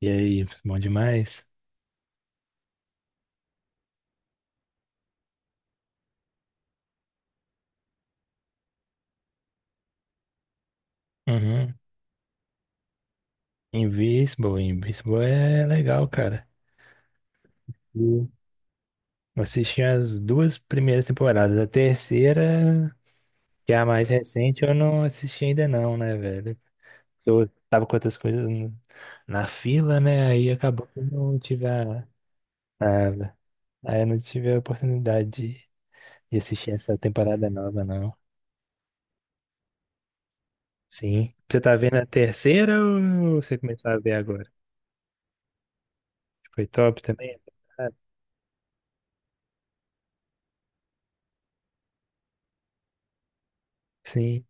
E aí, bom demais? Uhum. Invincible, Invincible é legal, cara. Eu assisti as duas primeiras temporadas. A terceira, que é a mais recente, eu não assisti ainda não, né, velho? Eu tava com outras coisas na fila, né? Aí acabou que eu não tive a- Aí eu não tive a oportunidade de assistir essa temporada nova, não. Sim. Você tá vendo a terceira ou você começou a ver agora? Foi top também? Ah, sim.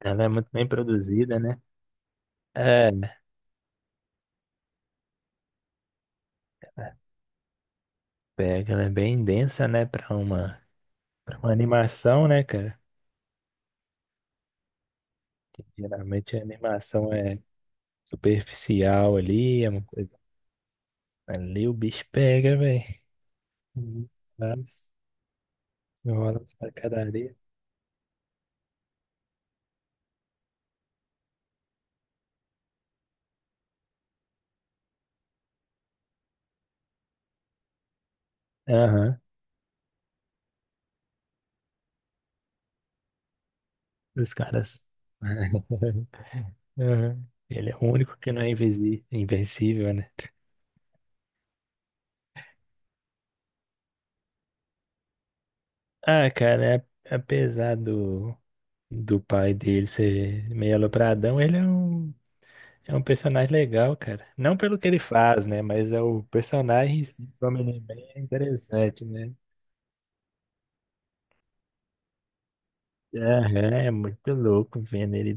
Ela é muito bem produzida, né? É, pega, ela é bem densa, né, pra uma animação, né, cara? Que geralmente a animação é superficial ali, é uma coisa. Ali o bicho pega, velho. Mas rola as pancadarias. Aham, os caras. Aham. Ele é o único que não é invencível, né? Ah, cara, apesar do pai dele ser meio alopradão, ele é um. É um personagem legal, cara. Não pelo que ele faz, né? Mas é o personagem em si, como ele é bem interessante, né? Aham, é muito louco vendo ele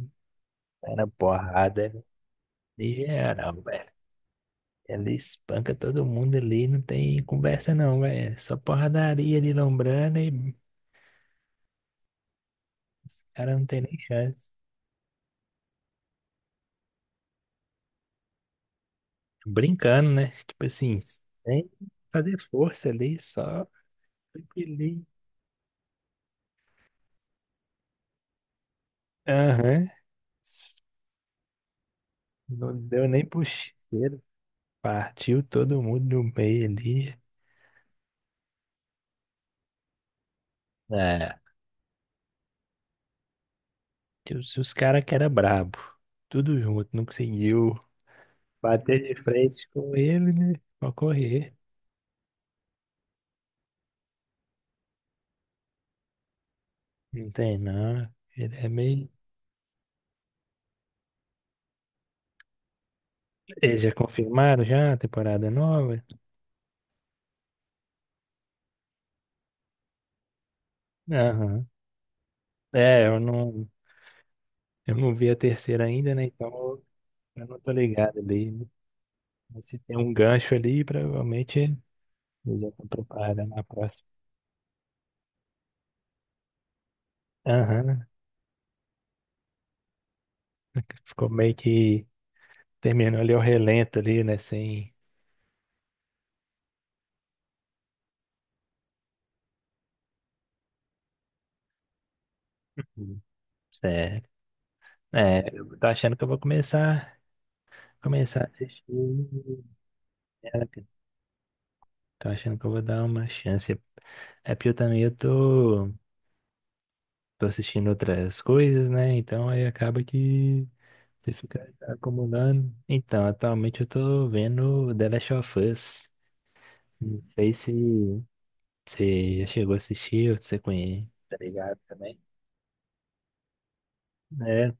tá na porrada de geral, velho. Ele espanca todo mundo ali, não tem conversa não, velho. É só porradaria ali, lombrando e os caras não tem nem chance. Brincando, né? Tipo assim, sem fazer força ali, só tranquilinho. Aham. Não deu nem puxeira. Partiu todo mundo no meio ali. É, e os caras que era brabo. Tudo junto, não conseguiu bater de frente com ele, né? Pra correr. Não tem, não. Ele é meio. Eles já confirmaram já a temporada nova? Aham. É, eu não vi a terceira ainda, né? Então eu não tô ligado ali, né? Mas se tem um gancho ali, provavelmente eles já estão preparando a próxima. Aham. Ficou meio que. Terminou ali o relento ali, né? Sem. Hum. Certo. É, eu tô achando que eu vou começar a assistir. Terapia. Tô achando que eu vou dar uma chance. É porque eu também eu tô assistindo outras coisas, né? Então aí acaba que você fica acumulando. Então, atualmente eu tô vendo The Last of Us. Não sei se você já chegou a assistir ou se você conhece, tá ligado também? É,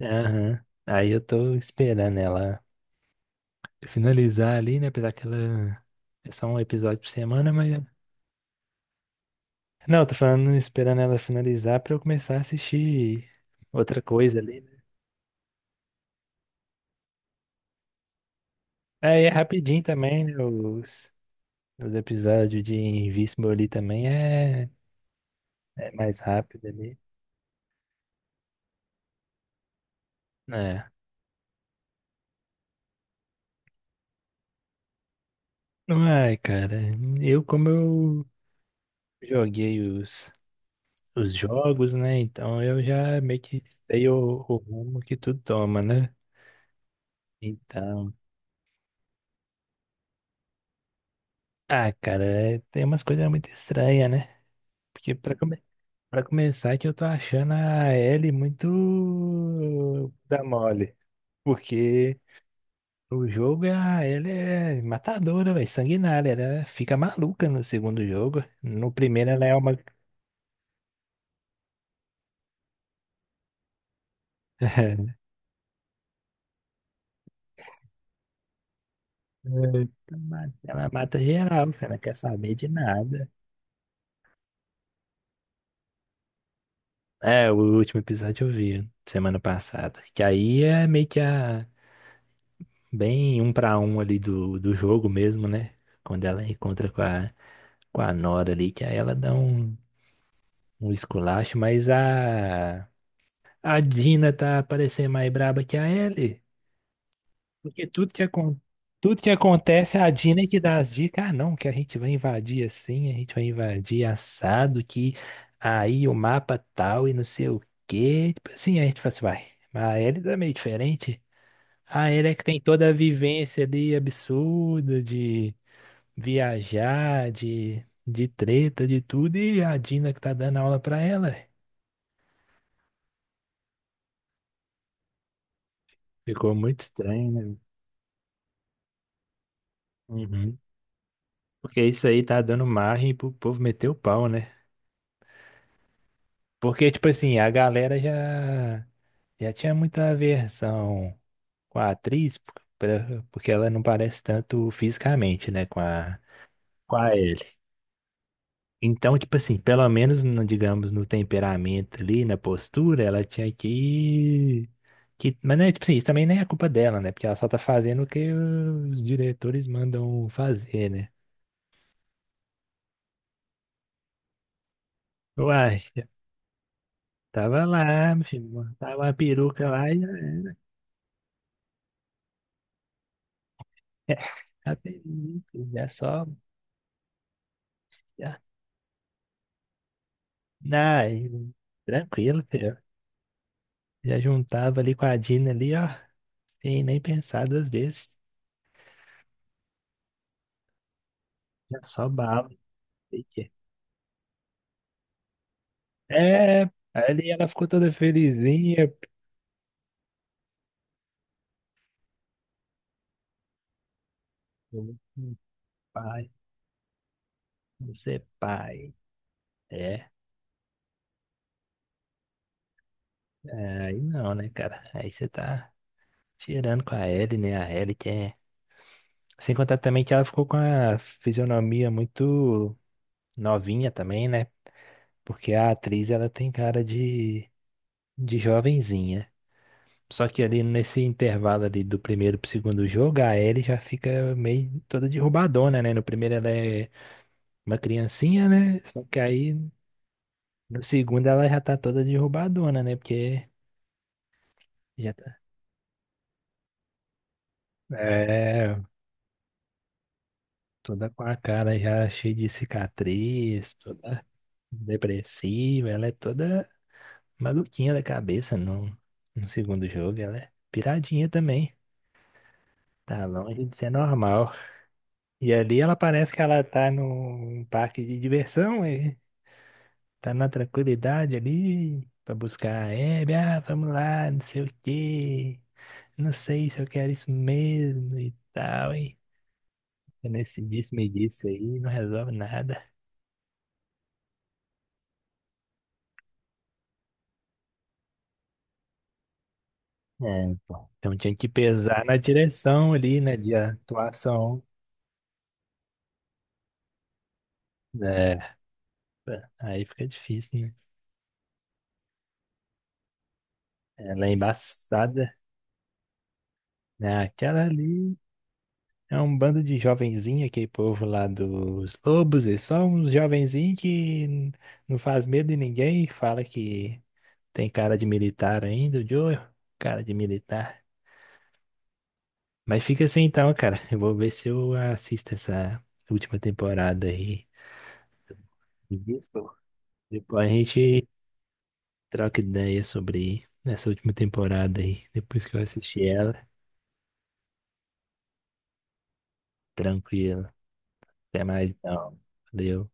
aham. Aí eu tô esperando ela finalizar ali, né? Apesar que ela é só um episódio por semana, mas. Não, eu tô falando esperando ela finalizar pra eu começar a assistir outra coisa ali, né? Aí é rapidinho também, né? Os episódios de Invincible ali também é, é mais rápido ali. É. Ai, cara, eu como eu joguei os jogos, né? Então eu já meio que sei o rumo que tudo toma, né? Então. Ah, cara, tem umas coisas muito estranhas, né? Porque pra começar é que eu tô achando a L muito da mole. Porque o jogo, é, a L é matadora, velho, sanguinária. Ela fica maluca no segundo jogo. No primeiro ela é uma... ela mata geral, cara, não quer saber de nada. É, o último episódio eu vi semana passada. Que aí é meio que a... Bem um pra um ali do jogo mesmo, né? Quando ela encontra com a Nora ali, que aí ela dá um... um esculacho, mas a Dina tá parecendo mais braba que a Ellie. Porque tudo tudo que acontece, a Dina é que dá as dicas. Ah, não, que a gente vai invadir assim, a gente vai invadir assado, que aí o mapa tal e não sei o quê. Tipo assim, a gente fala assim, vai. Mas a Ellie tá meio diferente. A Ellie é que tem toda a vivência ali absurda de viajar, de treta, de tudo, e a Dina que tá dando aula pra ela. Ficou muito estranho, né? Uhum. Porque isso aí tá dando margem pro povo meter o pau, né? Porque, tipo assim, a galera já tinha muita aversão com a atriz, porque ela não parece tanto fisicamente, né, com a Ellie. Então, tipo assim, pelo menos, no, digamos, no temperamento ali, na postura, ela tinha que... Mas, né, tipo assim, isso também nem é culpa dela, né? Porque ela só tá fazendo o que os diretores mandam fazer, né? Uai. Tava lá, meu filho, tava uma peruca lá e já era. A peruca, já só. Já... Não, tranquilo, filho. Já juntava ali com a Dina ali, ó. Sem nem pensar duas vezes. Já só bala. sei que- É, ali ela ficou toda felizinha. Pô. Pai, você é pai. É, aí não, né, cara? Aí você tá tirando com a Ellie, né? A Ellie que é. Sem contar também que ela ficou com a fisionomia muito novinha também, né? Porque a atriz ela tem cara de jovenzinha. Só que ali nesse intervalo ali do primeiro pro segundo jogo, a Ellie já fica meio toda derrubadona, né? No primeiro ela é uma criancinha, né? Só que aí no segundo ela já tá toda derrubadona, né? Porque já tá. É, toda com a cara já cheia de cicatriz, toda depressiva, ela é toda maluquinha da cabeça no segundo jogo, ela é piradinha também. Tá longe de ser normal. E ali ela parece que ela tá num parque de diversão, e tá na tranquilidade ali, pra buscar a Hebe, ah, vamos lá, não sei o quê, não sei se eu quero isso mesmo e tal, e nesse disse-me-disse aí, não resolve nada. É, pô. Então tinha que pesar na direção ali, né, de atuação. É, aí fica difícil, né? Ela é embaçada, né? Aquela ali. É um bando de jovenzinho, aquele povo lá dos lobos, e só uns jovenzinhos que não faz medo de ninguém, fala que tem cara de militar ainda, o Joe, cara de militar. Mas fica assim então, cara. Eu vou ver se eu assisto essa última temporada aí. Isso. Depois a gente troca ideia sobre essa última temporada aí, depois que eu assisti ela. Tranquilo. Até mais então. Valeu.